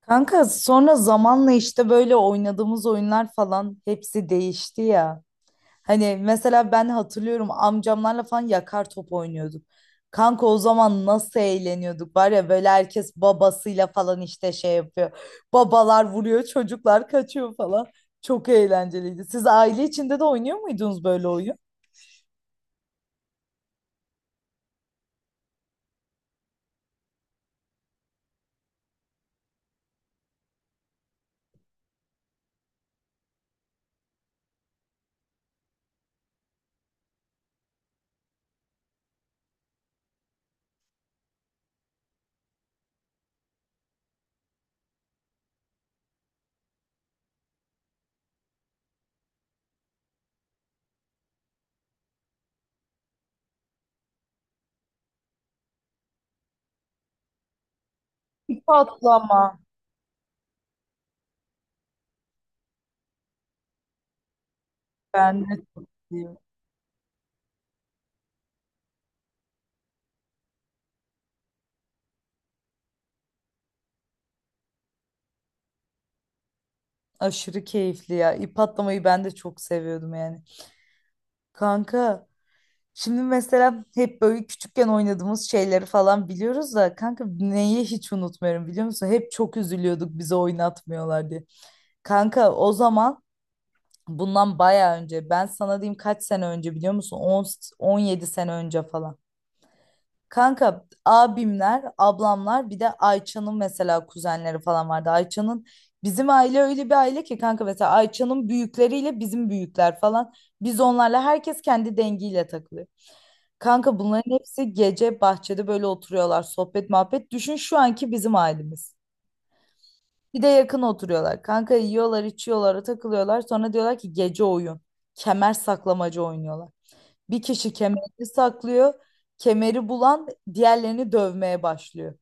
Kanka sonra zamanla işte böyle oynadığımız oyunlar falan hepsi değişti ya. Hani mesela ben hatırlıyorum amcamlarla falan yakar top oynuyorduk. Kanka o zaman nasıl eğleniyorduk var ya böyle herkes babasıyla falan işte şey yapıyor. Babalar vuruyor çocuklar kaçıyor falan. Çok eğlenceliydi. Siz aile içinde de oynuyor muydunuz böyle oyun? İp atlama. Ben de çok iyi. Aşırı keyifli ya. İp atlamayı ben de çok seviyordum yani. Kanka şimdi mesela hep böyle küçükken oynadığımız şeyleri falan biliyoruz da kanka neyi hiç unutmuyorum biliyor musun? Hep çok üzülüyorduk bizi oynatmıyorlar diye. Kanka o zaman bundan bayağı önce ben sana diyeyim kaç sene önce biliyor musun? On yedi sene önce falan. Kanka abimler, ablamlar bir de Ayça'nın mesela kuzenleri falan vardı. Bizim aile öyle bir aile ki kanka mesela Ayça'nın büyükleriyle bizim büyükler falan. Biz onlarla herkes kendi dengiyle takılıyor. Kanka bunların hepsi gece bahçede böyle oturuyorlar sohbet muhabbet. Düşün şu anki bizim ailemiz. Bir de yakın oturuyorlar. Kanka yiyorlar, içiyorlar, takılıyorlar. Sonra diyorlar ki gece oyun. Kemer saklamacı oynuyorlar. Bir kişi kemerini saklıyor. Kemeri bulan diğerlerini dövmeye başlıyor.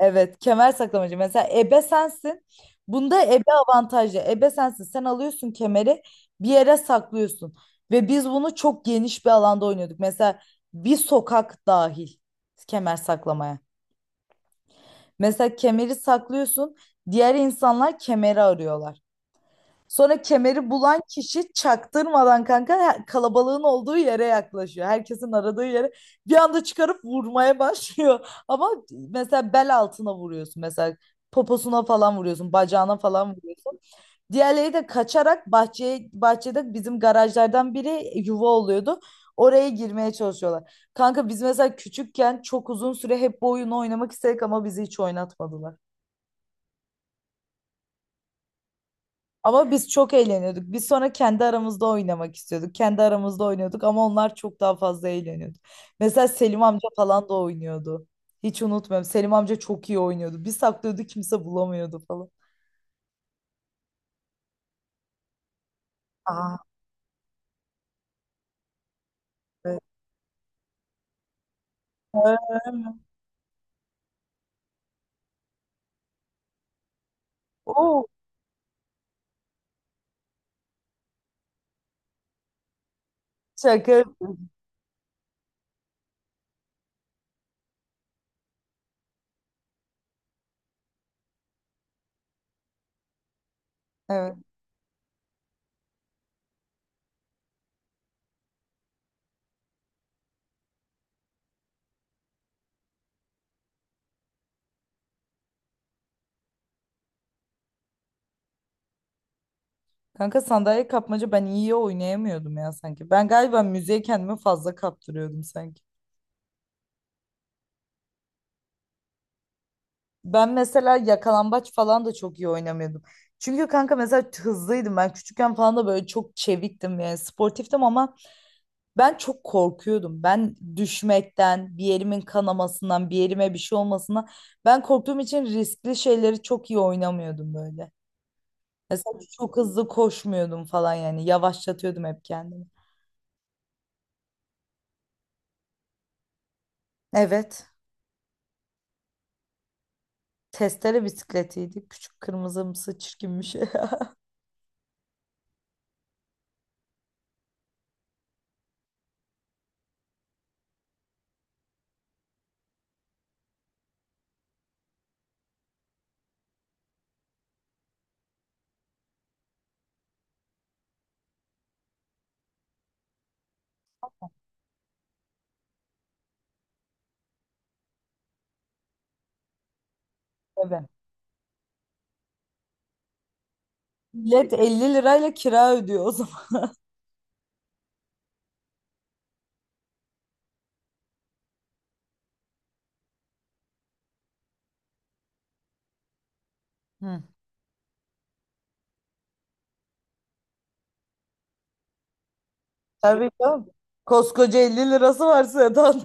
Evet, kemer saklamacı. Mesela ebe sensin. Bunda ebe avantajlı. Ebe sensin. Sen alıyorsun kemeri bir yere saklıyorsun. Ve biz bunu çok geniş bir alanda oynuyorduk. Mesela bir sokak dahil kemer saklamaya. Mesela kemeri saklıyorsun. Diğer insanlar kemeri arıyorlar. Sonra kemeri bulan kişi çaktırmadan kanka kalabalığın olduğu yere yaklaşıyor. Herkesin aradığı yere bir anda çıkarıp vurmaya başlıyor. Ama mesela bel altına vuruyorsun, mesela poposuna falan vuruyorsun, bacağına falan vuruyorsun. Diğerleri de kaçarak bahçede bizim garajlardan biri yuva oluyordu. Oraya girmeye çalışıyorlar. Kanka biz mesela küçükken çok uzun süre hep bu oyunu oynamak istedik ama bizi hiç oynatmadılar. Ama biz çok eğleniyorduk. Biz sonra kendi aramızda oynamak istiyorduk. Kendi aramızda oynuyorduk ama onlar çok daha fazla eğleniyordu. Mesela Selim amca falan da oynuyordu. Hiç unutmuyorum. Selim amca çok iyi oynuyordu. Bir saklıyordu, kimse bulamıyordu falan. Aa, evet. Oo, şaka yapıyorum. Evet. Kanka sandalye kapmaca ben iyi oynayamıyordum ya sanki. Ben galiba müziğe kendimi fazla kaptırıyordum sanki. Ben mesela yakalambaç falan da çok iyi oynamıyordum. Çünkü kanka mesela hızlıydım ben küçükken falan, da böyle çok çeviktim yani sportiftim ama ben çok korkuyordum. Ben düşmekten, bir yerimin kanamasından, bir yerime bir şey olmasından ben korktuğum için riskli şeyleri çok iyi oynamıyordum böyle. Mesela çok hızlı koşmuyordum falan, yani yavaşlatıyordum hep kendimi. Evet, testere bisikletiydi. Küçük kırmızımsı çirkin bir şey. Evet. Millet 50 lirayla kira ödüyor o zaman. Hmm. Tabii canım. Koskoca 50 lirası var Sedan.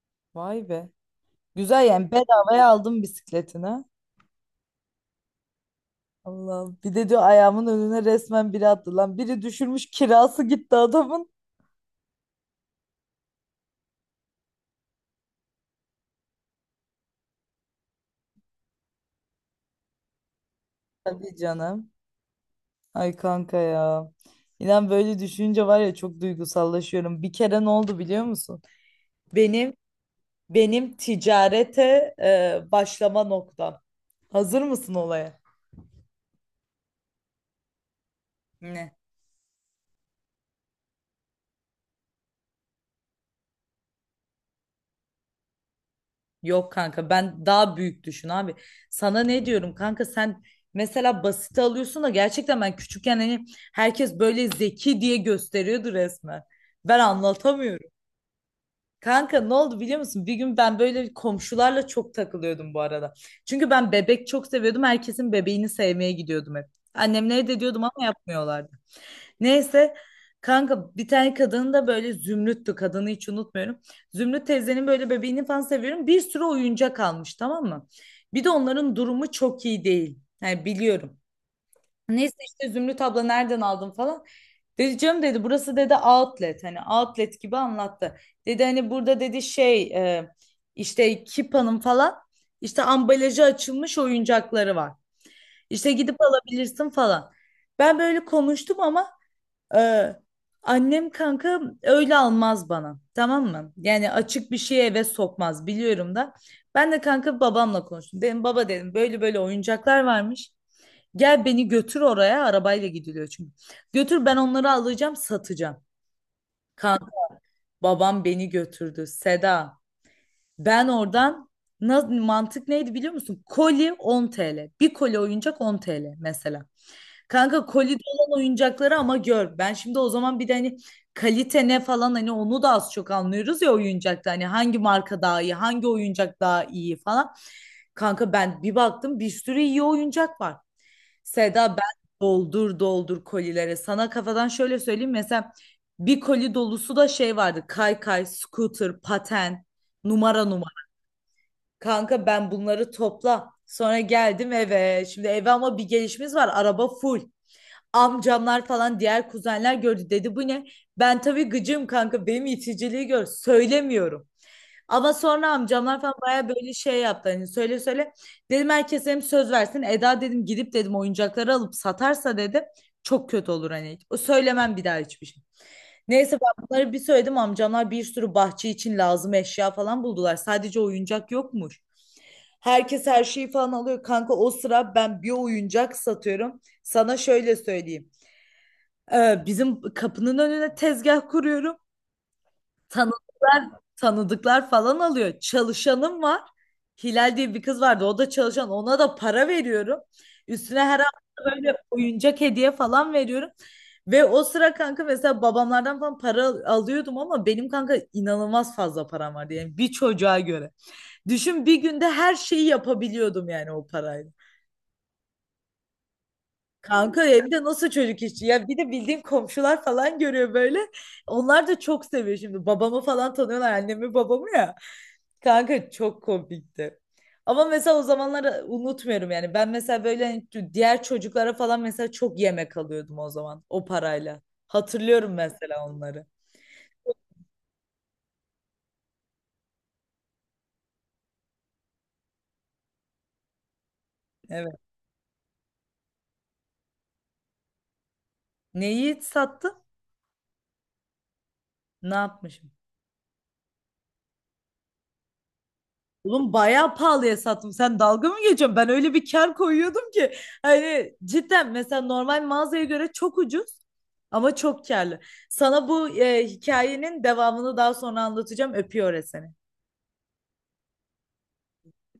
Vay be. Güzel, yani bedavaya aldım bisikletini. Allah. Bir de diyor ayağımın önüne resmen biri attı lan. Biri düşürmüş, kirası gitti adamın. Tabii canım. Ay kanka ya. İnan böyle düşünce var ya, çok duygusallaşıyorum. Bir kere ne oldu biliyor musun? Benim benim ticarete başlama noktam. Hazır mısın olaya? Ne? Yok kanka, ben daha büyük düşün abi. Sana ne diyorum kanka, sen mesela basite alıyorsun da gerçekten ben küçükken hani herkes böyle zeki diye gösteriyordu resmen. Ben anlatamıyorum. Kanka ne oldu biliyor musun? Bir gün ben böyle komşularla çok takılıyordum bu arada. Çünkü ben bebek çok seviyordum. Herkesin bebeğini sevmeye gidiyordum hep. Annemlere de diyordum ama yapmıyorlardı. Neyse, kanka bir tane kadın da böyle Zümrüt'tü kadını hiç unutmuyorum. Zümrüt teyzenin böyle bebeğini falan seviyorum. Bir sürü oyuncak almış, tamam mı? Bir de onların durumu çok iyi değil. Yani biliyorum. Neyse işte, Zümrüt abla nereden aldın falan. Dedi canım, dedi burası, dedi outlet, hani outlet gibi anlattı. Dedi hani burada dedi şey, e, işte Kipa'nın falan işte ambalajı açılmış oyuncakları var. İşte gidip alabilirsin falan. Ben böyle konuştum ama ee, annem kanka öyle almaz bana. Tamam mı? Yani açık bir şeye eve sokmaz, biliyorum da. Ben de kanka babamla konuştum. Dedim baba, dedim böyle böyle oyuncaklar varmış. Gel beni götür oraya, arabayla gidiliyor çünkü. Götür, ben onları alacağım, satacağım. Kanka babam beni götürdü Seda. Ben oradan mantık neydi biliyor musun? Koli 10 TL. Bir koli oyuncak 10 TL mesela. Kanka kolide olan oyuncakları ama gör. Ben şimdi o zaman bir de hani kalite ne falan, hani onu da az çok anlıyoruz ya oyuncakta. Hani hangi marka daha iyi, hangi oyuncak daha iyi falan. Kanka ben bir baktım bir sürü iyi oyuncak var. Seda ben doldur doldur kolilere. Sana kafadan şöyle söyleyeyim. Mesela bir koli dolusu da şey vardı. Kaykay, scooter, paten, numara numara. Kanka ben bunları topla. Sonra geldim eve. Şimdi eve ama bir gelişimiz var. Araba full, amcamlar falan diğer kuzenler gördü, dedi bu ne? Ben tabii gıcığım kanka, benim iticiliği gör, söylemiyorum. Ama sonra amcamlar falan baya böyle şey yaptı, hani söyle söyle. Dedim herkes hem söz versin, Eda dedim gidip dedim oyuncakları alıp satarsa dedim çok kötü olur hani. O söylemem bir daha hiçbir şey. Neyse ben bunları bir söyledim, amcamlar bir sürü bahçe için lazım eşya falan buldular. Sadece oyuncak yokmuş. Herkes her şeyi falan alıyor. Kanka o sıra ben bir oyuncak satıyorum. Sana şöyle söyleyeyim. Bizim kapının önüne tezgah kuruyorum. Tanıdıklar, tanıdıklar falan alıyor. Çalışanım var. Hilal diye bir kız vardı. O da çalışan. Ona da para veriyorum. Üstüne her hafta böyle oyuncak hediye falan veriyorum. Ve o sıra kanka mesela babamlardan falan para alıyordum ama benim kanka inanılmaz fazla param vardı. Yani bir çocuğa göre. Düşün bir günde her şeyi yapabiliyordum yani o parayla. Kanka ya bir de nasıl çocuk işçi, ya bir de bildiğim komşular falan görüyor böyle. Onlar da çok seviyor şimdi. Babamı falan tanıyorlar, annemi babamı ya. Kanka çok komikti. Ama mesela o zamanları unutmuyorum yani. Ben mesela böyle hani diğer çocuklara falan mesela çok yemek alıyordum o zaman o parayla. Hatırlıyorum mesela onları. Evet. Neyi sattın? Ne yapmış? Oğlum bayağı pahalıya sattım. Sen dalga mı geçiyorsun? Ben öyle bir kar koyuyordum ki. Hani cidden mesela normal mağazaya göre çok ucuz ama çok karlı. Sana bu hikayenin devamını daha sonra anlatacağım. Öpüyor seni.